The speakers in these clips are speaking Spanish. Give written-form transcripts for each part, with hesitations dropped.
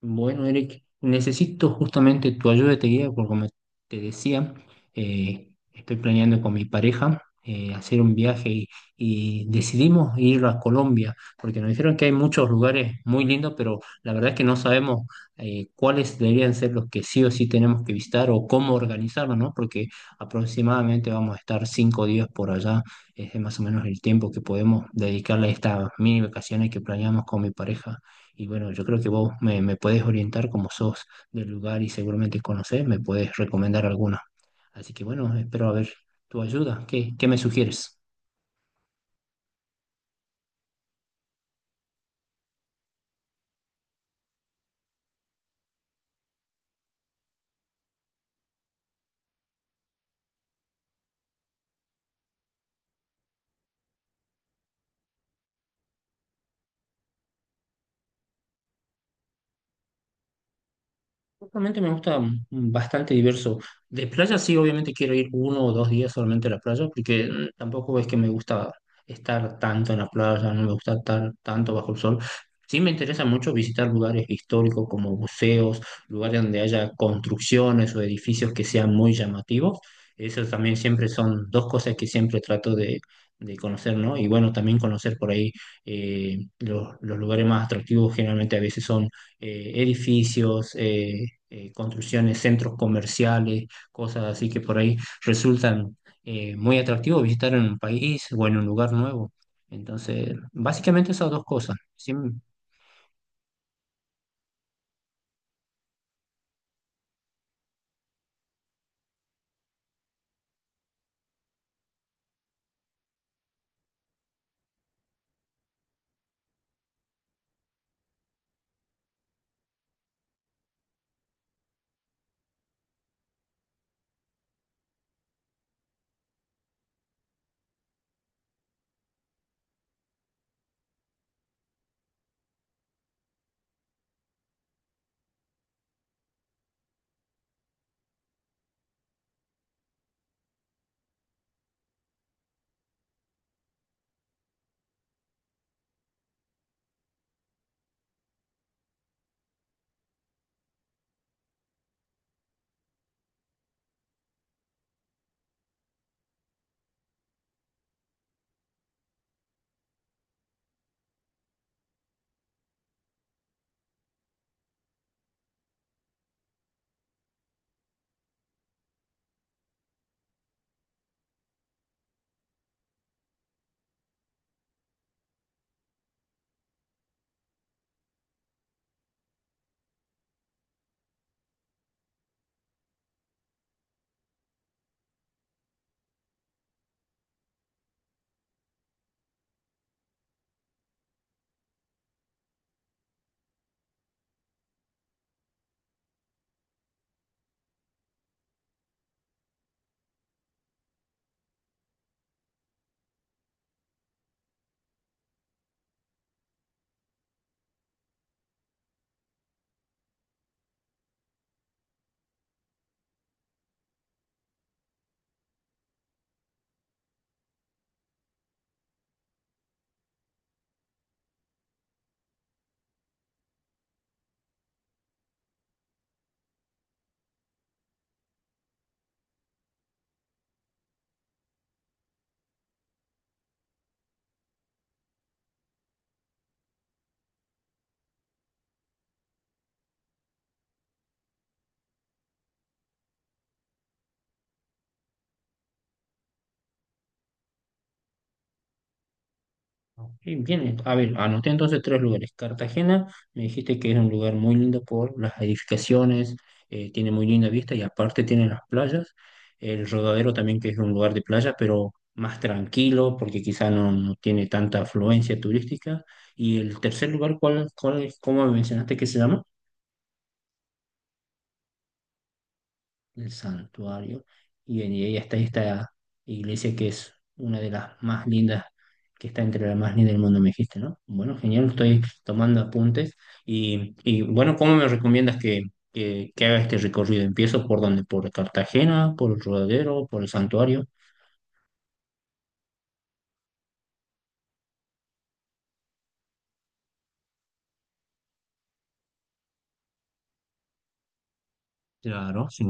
Bueno, Eric, necesito justamente tu ayuda, te guía, porque como te decía, estoy planeando con mi pareja hacer un viaje y decidimos ir a Colombia, porque nos dijeron que hay muchos lugares muy lindos, pero la verdad es que no sabemos cuáles deberían ser los que sí o sí tenemos que visitar o cómo organizarnos, ¿no? Porque aproximadamente vamos a estar cinco días por allá, es más o menos el tiempo que podemos dedicarle a estas mini vacaciones que planeamos con mi pareja. Y bueno, yo creo que vos me puedes orientar como sos del lugar y seguramente conocés, me puedes recomendar alguna. Así que bueno, espero a ver tu ayuda. ¿Qué me sugieres? Realmente me gusta bastante diverso. De playa sí, obviamente quiero ir uno o dos días solamente a la playa, porque tampoco es que me gusta estar tanto en la playa, no me gusta estar tanto bajo el sol. Sí me interesa mucho visitar lugares históricos como museos, lugares donde haya construcciones o edificios que sean muy llamativos. Eso también siempre son dos cosas que siempre trato de conocer, ¿no? Y bueno, también conocer por ahí los lugares más atractivos generalmente a veces son edificios, construcciones, centros comerciales, cosas así que por ahí resultan muy atractivos visitar en un país o en un lugar nuevo. Entonces, básicamente esas dos cosas. Y viene, a ver, anoté entonces tres lugares. Cartagena, me dijiste que es un lugar muy lindo por las edificaciones, tiene muy linda vista y aparte tiene las playas. El Rodadero también, que es un lugar de playa, pero más tranquilo porque quizá no tiene tanta afluencia turística. Y el tercer lugar, cómo me mencionaste que se llama? El santuario, y, y ahí está esta iglesia que es una de las más lindas, que está entre las más lindas del mundo, me dijiste, ¿no? Bueno, genial, estoy tomando apuntes. Y bueno, ¿cómo me recomiendas que haga este recorrido? ¿Empiezo por dónde? ¿Por Cartagena? ¿Por el Rodadero? ¿Por el santuario? Claro, sí.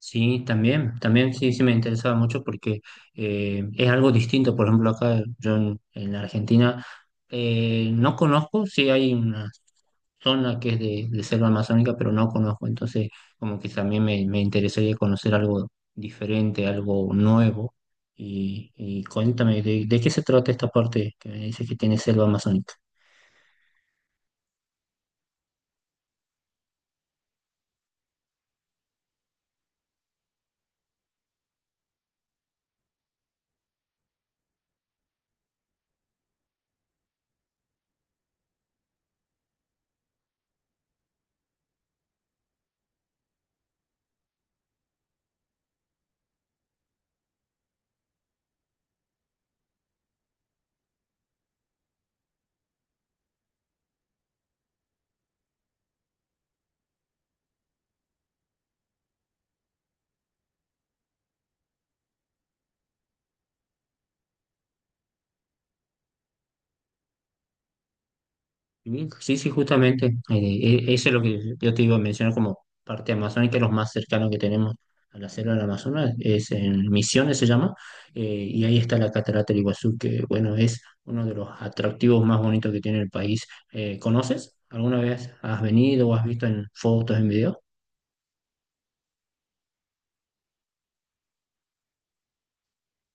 Sí, también, también sí, sí me interesaba mucho porque es algo distinto. Por ejemplo, acá yo en Argentina no conozco, sí hay una zona que es de selva amazónica, pero no conozco. Entonces, como que también me interesaría conocer algo diferente, algo nuevo. Y cuéntame, ¿de qué se trata esta parte que me dice que tiene selva amazónica? Sí, sí, sí, justamente. Eso es lo que yo te iba a mencionar como parte amazónica, los más cercanos que tenemos a la selva del Amazonas, es en Misiones se llama, y ahí está la Catarata del Iguazú, que bueno, es uno de los atractivos más bonitos que tiene el país. ¿Conoces? ¿Alguna vez has venido o has visto en fotos, en videos?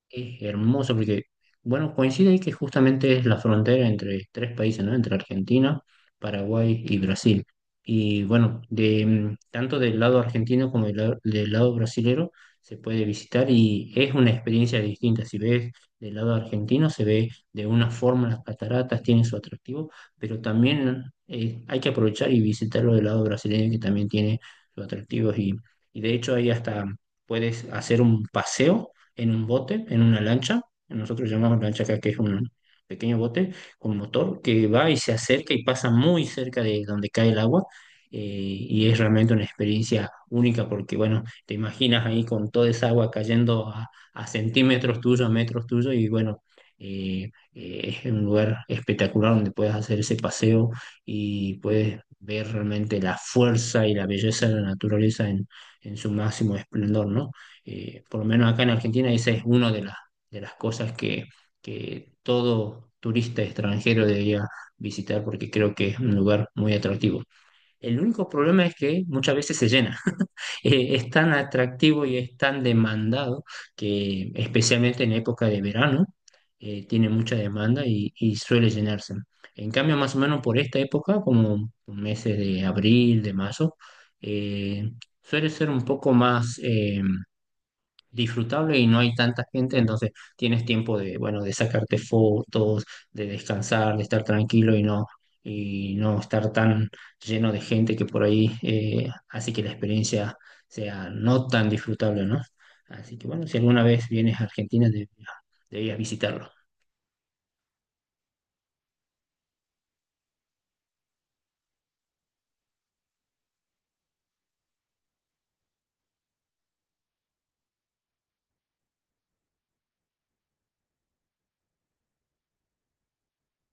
Es hermoso porque, bueno, coincide ahí que justamente es la frontera entre tres países, ¿no? Entre Argentina, Paraguay y Brasil. Y bueno, de, tanto del lado argentino como del lado brasilero se puede visitar y es una experiencia distinta. Si ves del lado argentino, se ve de una forma las cataratas, tiene su atractivo, pero también hay que aprovechar y visitarlo del lado brasileño que también tiene sus atractivos y de hecho ahí hasta puedes hacer un paseo en un bote, en una lancha. Nosotros llamamos lancha acá, que es un pequeño bote con motor que va y se acerca y pasa muy cerca de donde cae el agua. Y es realmente una experiencia única porque, bueno, te imaginas ahí con toda esa agua cayendo a centímetros tuyos, a metros tuyos y, bueno, es un lugar espectacular donde puedes hacer ese paseo y puedes ver realmente la fuerza y la belleza de la naturaleza en su máximo esplendor, ¿no? Por lo menos acá en Argentina, esa es una de las cosas que todo turista extranjero debería visitar porque creo que es un lugar muy atractivo. El único problema es que muchas veces se llena. Es tan atractivo y es tan demandado que especialmente en época de verano tiene mucha demanda y suele llenarse. En cambio, más o menos por esta época, como meses de abril, de mayo, eh, suele ser un poco más... disfrutable y no hay tanta gente, entonces tienes tiempo de, bueno, de sacarte fotos, de descansar, de estar tranquilo y y no estar tan lleno de gente que por ahí hace que la experiencia sea no tan disfrutable, ¿no? Así que bueno, si alguna vez vienes a Argentina, deberías visitarlo.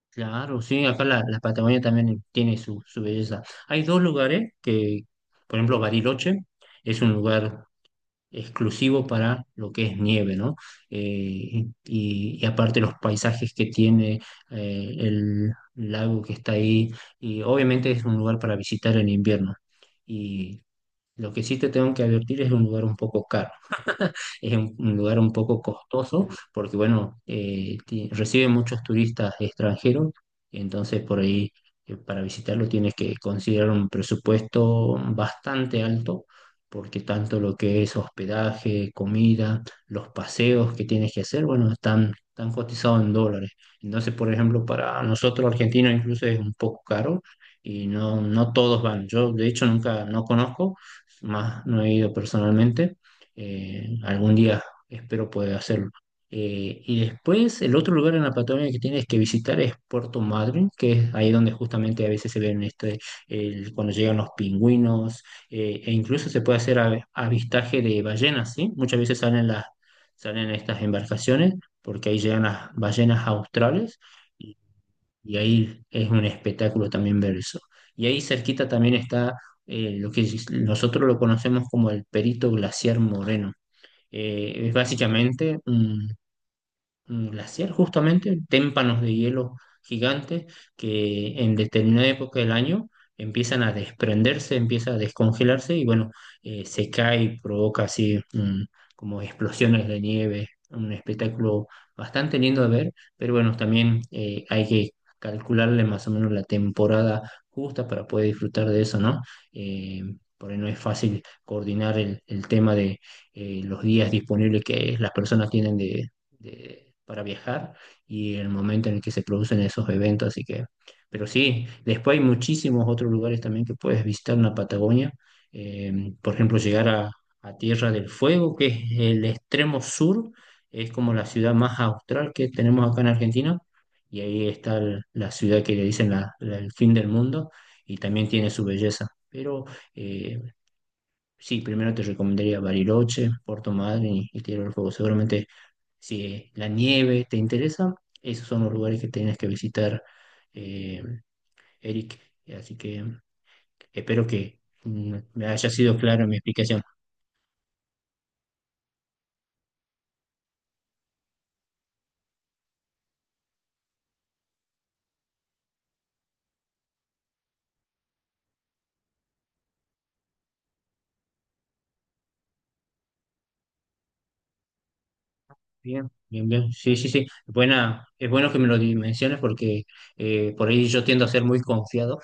Claro, sí, acá la Patagonia también tiene su belleza. Hay dos lugares que, por ejemplo, Bariloche es un lugar exclusivo para lo que es nieve, ¿no? Y, y aparte los paisajes que tiene el lago que está ahí, y obviamente es un lugar para visitar en invierno. Y lo que sí te tengo que advertir es un lugar un poco caro, es un lugar un poco costoso porque, bueno, recibe muchos turistas extranjeros, entonces por ahí para visitarlo tienes que considerar un presupuesto bastante alto porque tanto lo que es hospedaje, comida, los paseos que tienes que hacer, bueno, están, están cotizados en dólares. Entonces, por ejemplo, para nosotros argentinos incluso es un poco caro y no todos van. Yo, de hecho, nunca, no conozco más no he ido personalmente. Algún día espero poder hacerlo. Y después, el otro lugar en la Patagonia que tienes que visitar es Puerto Madryn, que es ahí donde justamente a veces se ven este, cuando llegan los pingüinos, e incluso se puede hacer avistaje de ballenas, ¿sí? Muchas veces salen salen estas embarcaciones, porque ahí llegan las ballenas australes y ahí es un espectáculo también ver eso. Y ahí cerquita también está lo que nosotros lo conocemos como el Perito Glaciar Moreno. Es básicamente un glaciar justamente, témpanos de hielo gigantes que en determinada época del año empiezan a desprenderse, empieza a descongelarse y bueno, se cae y provoca así como explosiones de nieve, un espectáculo bastante lindo de ver, pero bueno, también hay que calcularle más o menos la temporada justa para poder disfrutar de eso, ¿no? Eh, por ahí no es fácil coordinar el tema de los días disponibles que las personas tienen de para viajar y el momento en el que se producen esos eventos. Así que, pero sí, después hay muchísimos otros lugares también que puedes visitar en la Patagonia. Por ejemplo, llegar a Tierra del Fuego, que es el extremo sur, es como la ciudad más austral que tenemos acá en Argentina. Y ahí está la ciudad que le dicen el fin del mundo y también tiene su belleza. Pero eh, sí, primero te recomendaría Bariloche, Puerto Madryn y Tierra del Fuego. Seguramente si la nieve te interesa, esos son los lugares que tienes que visitar, eh, Eric. Así que espero que me haya sido claro mi explicación. Bien, bien, bien. Sí, sí, sí. Buena, es bueno que me lo dimensiones porque por ahí yo tiendo a ser muy confiado.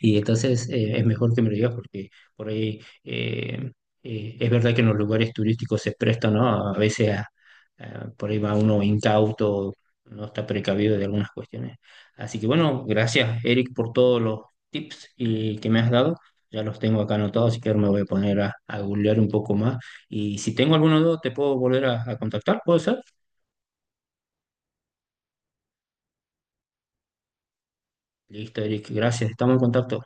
Y entonces es mejor que me lo digas porque por ahí es verdad que en los lugares turísticos se prestan, ¿no? A veces por ahí va uno incauto, no está precavido de algunas cuestiones. Así que bueno, gracias Eric por todos los tips y, que me has dado. Ya los tengo acá anotados, así que ahora me voy a poner a googlear un poco más. Y si tengo alguna duda, te puedo volver a contactar, ¿puede ser? Listo, Eric, gracias. Estamos en contacto.